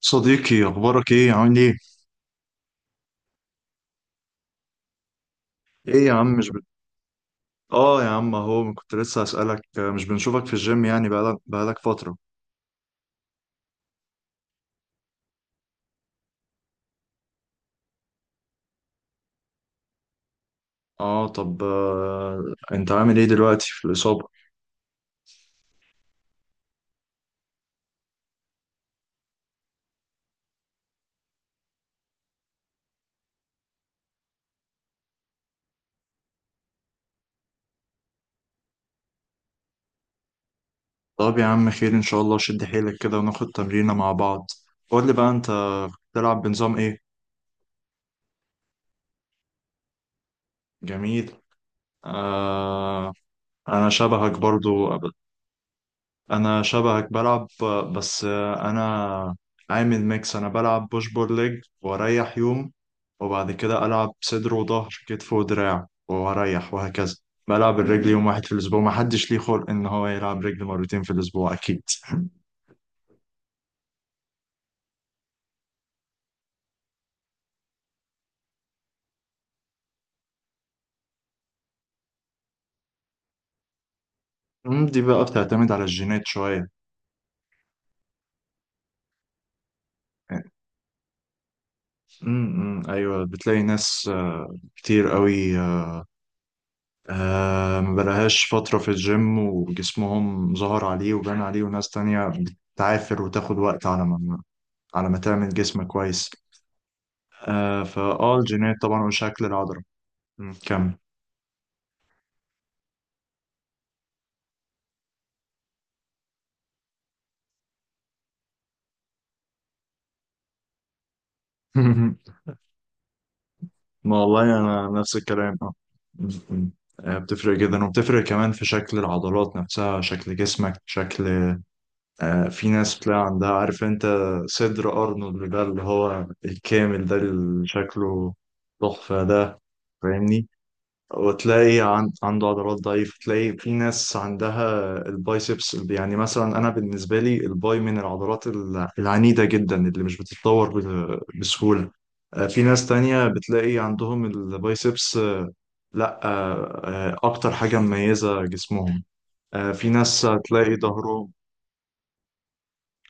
صديقي، اخبارك ايه؟ عامل ايه؟ ايه يا عم، مش اه يا عم، اهو كنت لسه هسألك، مش بنشوفك في الجيم يعني بقالك فترة. اه طب انت عامل ايه دلوقتي في الإصابة؟ طب يا عم، خير ان شاء الله، شد حيلك كده وناخد تمرينة مع بعض. قول لي بقى انت بتلعب بنظام ايه؟ جميل. آه... انا شبهك برضو. انا شبهك بلعب، بس انا عامل ميكس. انا بلعب بوش بول ليج واريح يوم، وبعد كده العب صدر وظهر كتف ودراع واريح وهكذا. بلعب الرجل يوم واحد في الاسبوع، ما حدش ليه خلق ان هو يلعب رجل مرتين في الاسبوع اكيد. دي بقى بتعتمد على الجينات شوية. أمم، أمم، ايوه، بتلاقي ناس كتير قوي. ما بقالهاش فترة في الجيم وجسمهم ظهر عليه وبان عليه، وناس تانية بتعافر وتاخد وقت على ما تعمل جسم كويس. آه فاه الجينات طبعا وشكل العضلة. كمل. ما والله انا نفس الكلام، اه. مم، مم. بتفرق جدا، وبتفرق كمان في شكل العضلات نفسها، شكل جسمك، شكل. في ناس بتلاقي عندها، عارف انت، صدر ارنولد ده اللي هو الكامل ده اللي شكله تحفة ده. فاهمني؟ وتلاقي عنده عضلات ضعيفة. تلاقي في ناس عندها البايسبس، يعني مثلا أنا بالنسبة لي الباي من العضلات العنيدة جدا اللي مش بتتطور بسهولة. في ناس تانية بتلاقي عندهم البايسبس، لا، أكتر حاجة مميزة جسمهم. في ناس تلاقي ظهرهم،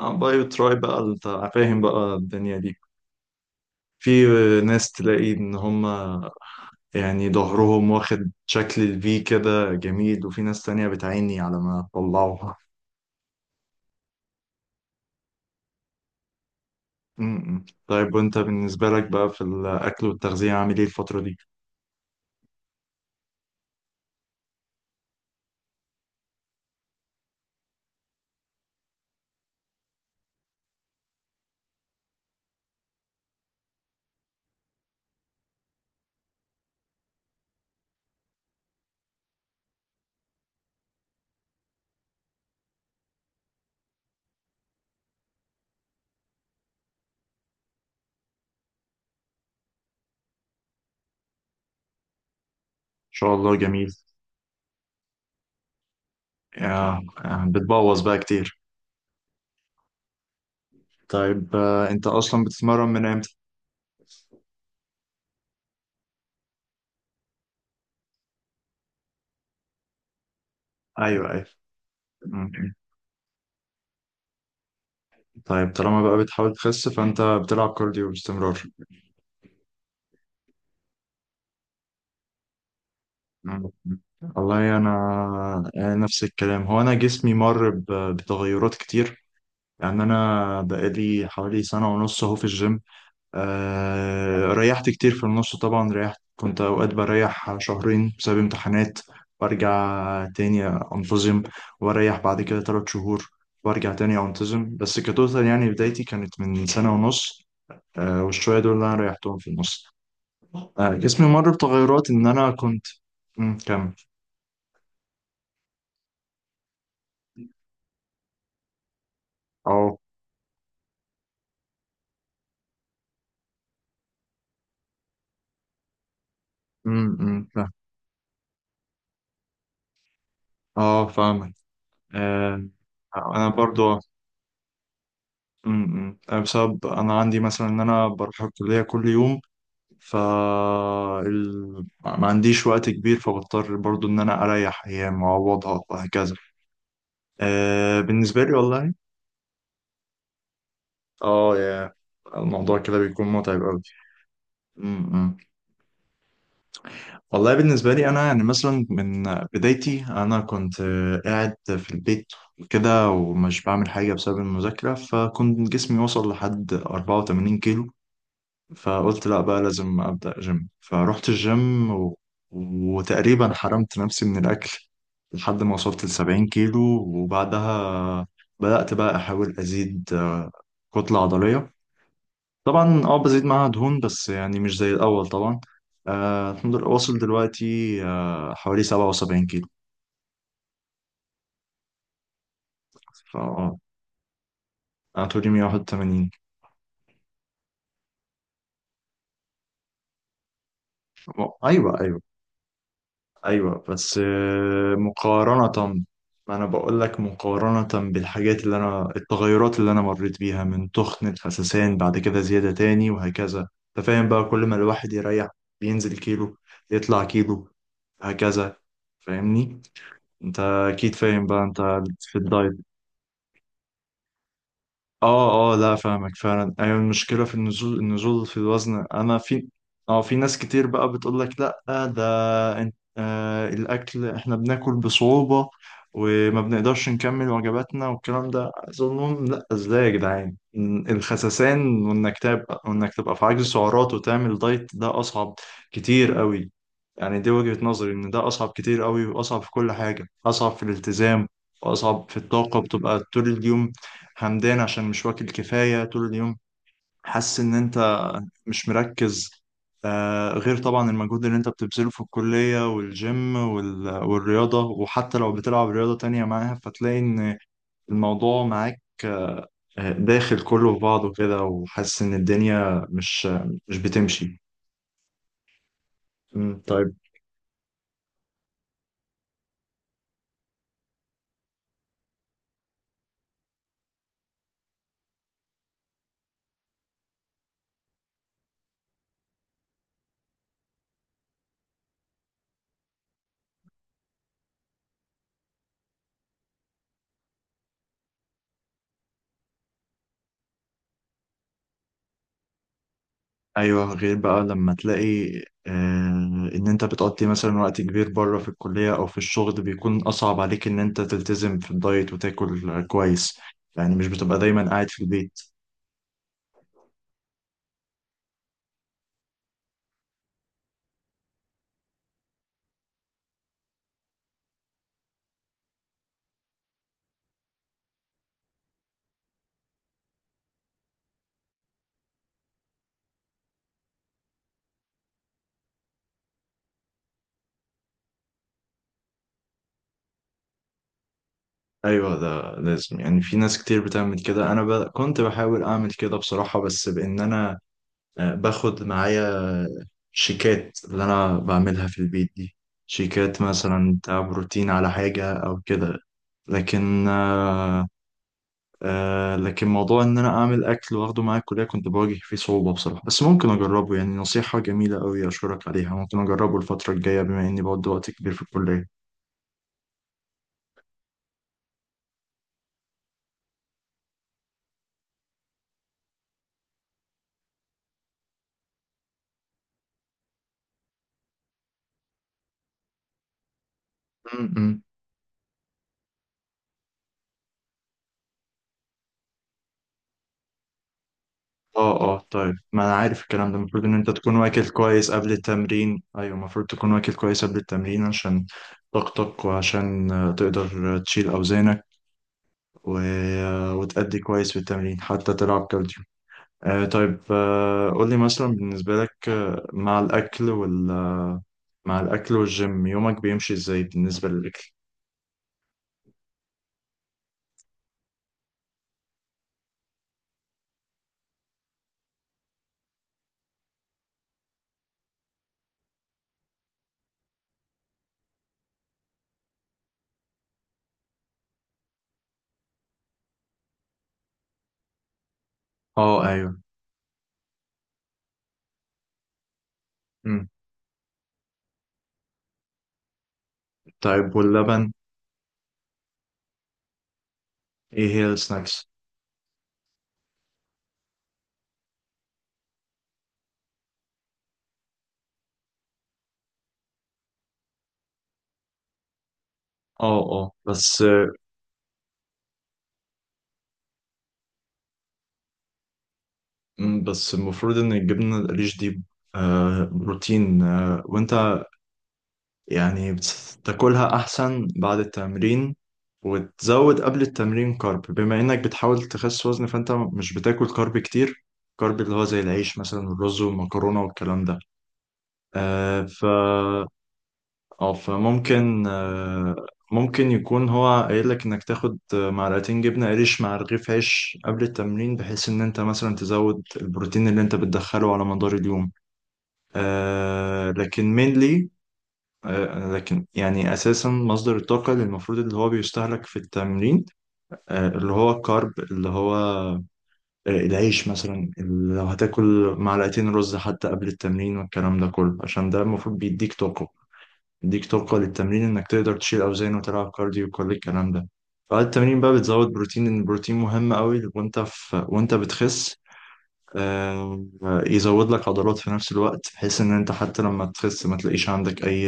بايو تراي بقى. أنت فاهم بقى الدنيا دي. في ناس تلاقي إن هم يعني ظهرهم واخد شكل الفي كده جميل، وفي ناس تانية بتعيني على ما تطلعوها. م-م. طيب وانت بالنسبة لك بقى في الأكل والتغذية عامل ايه الفترة دي؟ إن شاء الله جميل. بتبوظ بقى كتير. طيب، انت أصلا بتتمرن من امتى؟ ايوه، ايوه. م-م. طيب، طالما بقى بتحاول تخس فانت بتلعب كارديو باستمرار؟ م-م. والله انا، أنا نفس الكلام. هو انا جسمي مر بتغيرات كتير. يعني أنا بقالي حوالي سنة ونص أهو في الجيم. آه ريحت كتير في النص طبعا، ريحت. كنت أوقات بريح شهرين بسبب امتحانات، وأرجع تاني أنتظم، وأريح بعد كده تلات شهور وأرجع تاني أنتظم. بس كتوتال يعني بدايتي كانت من سنة ونص. والشوية دول اللي أنا ريحتهم في النص. جسمي مر بتغيرات، إن أنا كنت. كمل. أه. أمم، أمم، فاهم. أه، فاهمك. آه، انا برضو. بسبب انا عندي مثلا ان انا بروح الكليه كل يوم. ف ما عنديش وقت كبير، فبضطر برضو ان انا اريح ايام واعوضها وهكذا. بالنسبه لي والله. اه يا الموضوع كده بيكون متعب قوي. امم امم. والله بالنسبه لي انا يعني مثلا من بدايتي، انا كنت قاعد في البيت كده ومش بعمل حاجه بسبب المذاكره، فكنت جسمي وصل لحد 84 كيلو. فقلت لا بقى، لازم أبدأ جيم. فروحت الجيم وتقريبا حرمت نفسي من الأكل لحد ما وصلت لسبعين كيلو. وبعدها بدأت بقى أحاول أزيد كتلة عضلية. طبعا اه بزيد معاها دهون بس يعني مش زي الأول طبعا. الحمد لله، واصل دلوقتي حوالي سبعة وسبعين كيلو. فا اه أنا طولي مية واحد وتمانين. أيوة، أيوة، ايوه. بس مقارنة. ما انا بقول لك، مقارنة بالحاجات اللي انا، التغيرات اللي انا مريت بيها من تخن، الخسسان، بعد كده زيادة تاني، وهكذا. انت فاهم بقى، كل ما الواحد يريح بينزل كيلو، يطلع كيلو، هكذا. فاهمني؟ انت اكيد فاهم بقى انت، في الدايت. اه اه، لا فاهمك فعلا. ايوه، المشكله في النزول، النزول في الوزن. انا في. اه في ناس كتير بقى بتقول لك لا، ده انت، الاكل احنا بناكل بصعوبه وما بنقدرش نكمل وجباتنا والكلام ده. عايز اقول لهم لا، ازاي يا جدعان؟ الخسسان وانك تبقى، وانك تبقى في عجز سعرات وتعمل دايت، ده اصعب كتير قوي. يعني دي وجهة نظري ان ده اصعب كتير قوي، واصعب في كل حاجة، اصعب في الالتزام، واصعب في الطاقة بتبقى طول اليوم همدان عشان مش واكل كفاية طول اليوم. حاسس إن أنت مش مركز. غير طبعا المجهود اللي أنت بتبذله في الكلية والجيم والرياضة. وحتى لو بتلعب رياضة تانية معاها، فتلاقي إن الموضوع معاك داخل كله في بعضه كده. وحاسس إن الدنيا مش بتمشي. مم، طيب. ايوه غير بقى لما تلاقي آه ان انت بتقضي مثلا وقت كبير بره في الكليه او في الشغل، بيكون اصعب عليك ان انت تلتزم في الدايت وتاكل كويس. يعني مش بتبقى دايما قاعد في البيت. ايوه، ده لازم يعني. في ناس كتير بتعمل كده. انا كنت بحاول اعمل كده بصراحه، بس بان انا، باخد معايا شيكات اللي انا بعملها في البيت دي. شيكات مثلا بتاع بروتين على حاجة او كده. لكن، لكن موضوع ان انا اعمل اكل واخده معايا الكلية كنت بواجه فيه صعوبة بصراحة. بس ممكن اجربه، يعني نصيحة جميلة قوي، اشكرك عليها. ممكن اجربه الفترة الجاية بما اني بقضي وقت كبير في الكلية. م- م. اه اه، طيب، ما انا عارف الكلام ده. المفروض ان انت تكون واكل كويس قبل التمرين. ايوه، المفروض تكون واكل كويس قبل التمرين عشان طاقتك، وعشان تقدر تشيل اوزانك و... آه، وتأدي كويس في التمرين، حتى تلعب كارديو. طيب، قول لي مثلا بالنسبة لك مع الاكل وال آه، مع الاكل والجيم، يومك بيمشي ازاي بالنسبة للاكل؟ اه، ايوه. مم. طيب، واللبن ايه هي السناكس؟ اه اه، بس. بس المفروض ان الجبنه القريش دي بروتين. وانت يعني بتاكلها احسن بعد التمرين، وتزود قبل التمرين كارب. بما انك بتحاول تخس وزن، فانت مش بتاكل كارب كتير، كارب اللي هو زي العيش مثلا والرز والمكرونه والكلام ده. آه، ف اه فممكن آه، ممكن يكون هو قايل لك انك تاخد معلقتين جبنه قريش مع رغيف عيش قبل التمرين، بحيث ان انت مثلا تزود البروتين اللي انت بتدخله على مدار اليوم. لكن mainly، لكن يعني أساسا مصدر الطاقة اللي المفروض اللي هو بيستهلك في التمرين، اللي هو الكارب، اللي هو العيش مثلا. اللي لو هتاكل معلقتين رز حتى قبل التمرين والكلام ده كله، عشان ده المفروض بيديك طاقة، بيديك طاقة للتمرين، إنك تقدر تشيل أوزان وتلعب كارديو وكل الكلام ده. بعد التمرين بقى بتزود بروتين، لأن البروتين مهم قوي وأنت في، وأنت بتخس. آه، يزود لك عضلات في نفس الوقت، بحيث ان انت حتى لما تخس ما تلاقيش عندك اي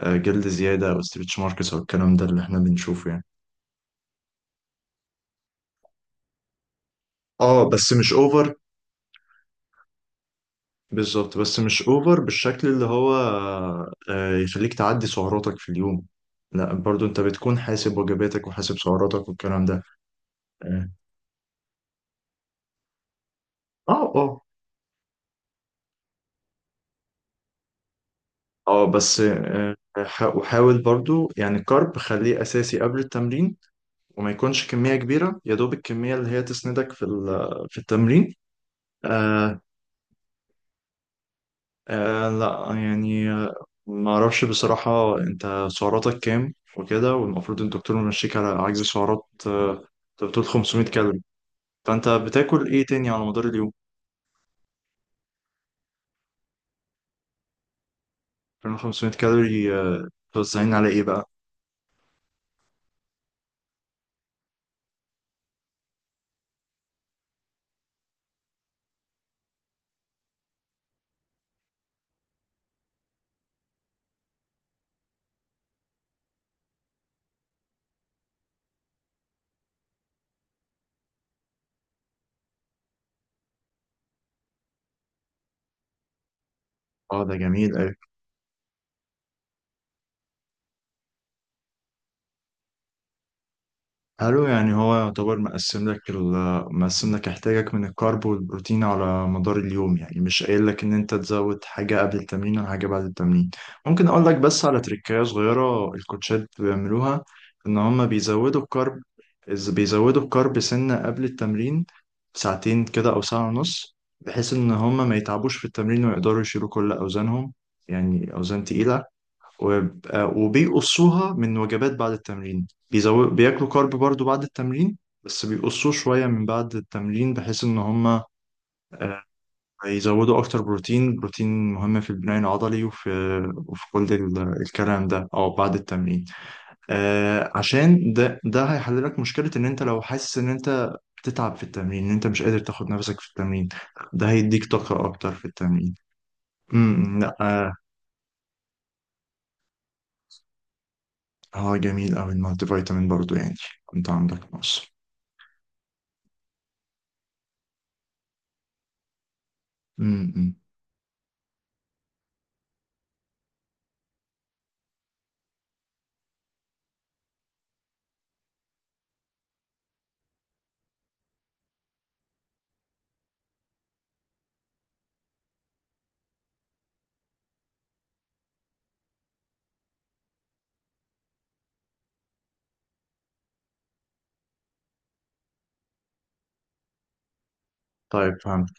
جلد زيادة او ستريتش ماركس او الكلام ده اللي احنا بنشوفه يعني. اه بس مش اوفر. بالظبط، بس مش اوفر بالشكل اللي هو يخليك تعدي سعراتك في اليوم. لا، برضو انت بتكون حاسب وجباتك وحاسب سعراتك والكلام ده. اه اه اه. بس وحاول برضو يعني الكارب خليه اساسي قبل التمرين، وما يكونش كمية كبيرة، يا دوب الكمية اللي هي تسندك في في التمرين. آه لا يعني، ما اعرفش بصراحة انت سعراتك كام وكده. والمفروض الدكتور يمشيك على عجز سعرات. انت بتقول 500 كالوري. فانت بتاكل ايه تاني على مدار اليوم؟ 500 كالوري، توزعين على ايه بقى؟ اه، ده جميل. حلو. يعني هو يعتبر مقسم لك مقسم لك احتياجك من الكارب والبروتين على مدار اليوم. يعني مش قايل لك ان انت تزود حاجة قبل التمرين ولا حاجة بعد التمرين. ممكن اقول لك بس على تريكاية صغيرة الكوتشات بيعملوها، ان هم بيزودوا الكارب. بيزودوا الكارب سنة قبل التمرين، ساعتين كده او ساعة ونص، بحيث ان هم ما يتعبوش في التمرين ويقدروا يشيلوا كل اوزانهم، يعني اوزان تقيلة. وبيقصوها من وجبات بعد التمرين. بياكلوا كارب برضو بعد التمرين بس بيقصوه شوية من بعد التمرين، بحيث إن هما آه، يزودوا أكتر بروتين. بروتين مهم في البناء العضلي وفي، وفي كل الكلام ده أو بعد التمرين. عشان ده، ده هيحل لك مشكلة إن أنت لو حاسس إن أنت بتتعب في التمرين، إن أنت مش قادر تاخد نفسك في التمرين. ده هيديك طاقة أكتر في التمرين. لا، اه. جميل أوي. المالتي فيتامين برضو يعني كنت عندك نقص. امم طيب، فهمت.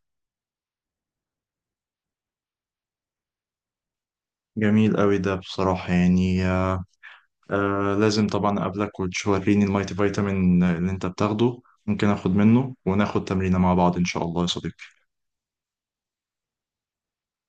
جميل قوي ده بصراحة يعني. لازم طبعا أقابلك وتوريني المايتي فيتامين اللي أنت بتاخده. ممكن آخد منه وناخد تمرينة مع بعض إن شاء الله يا صديقي.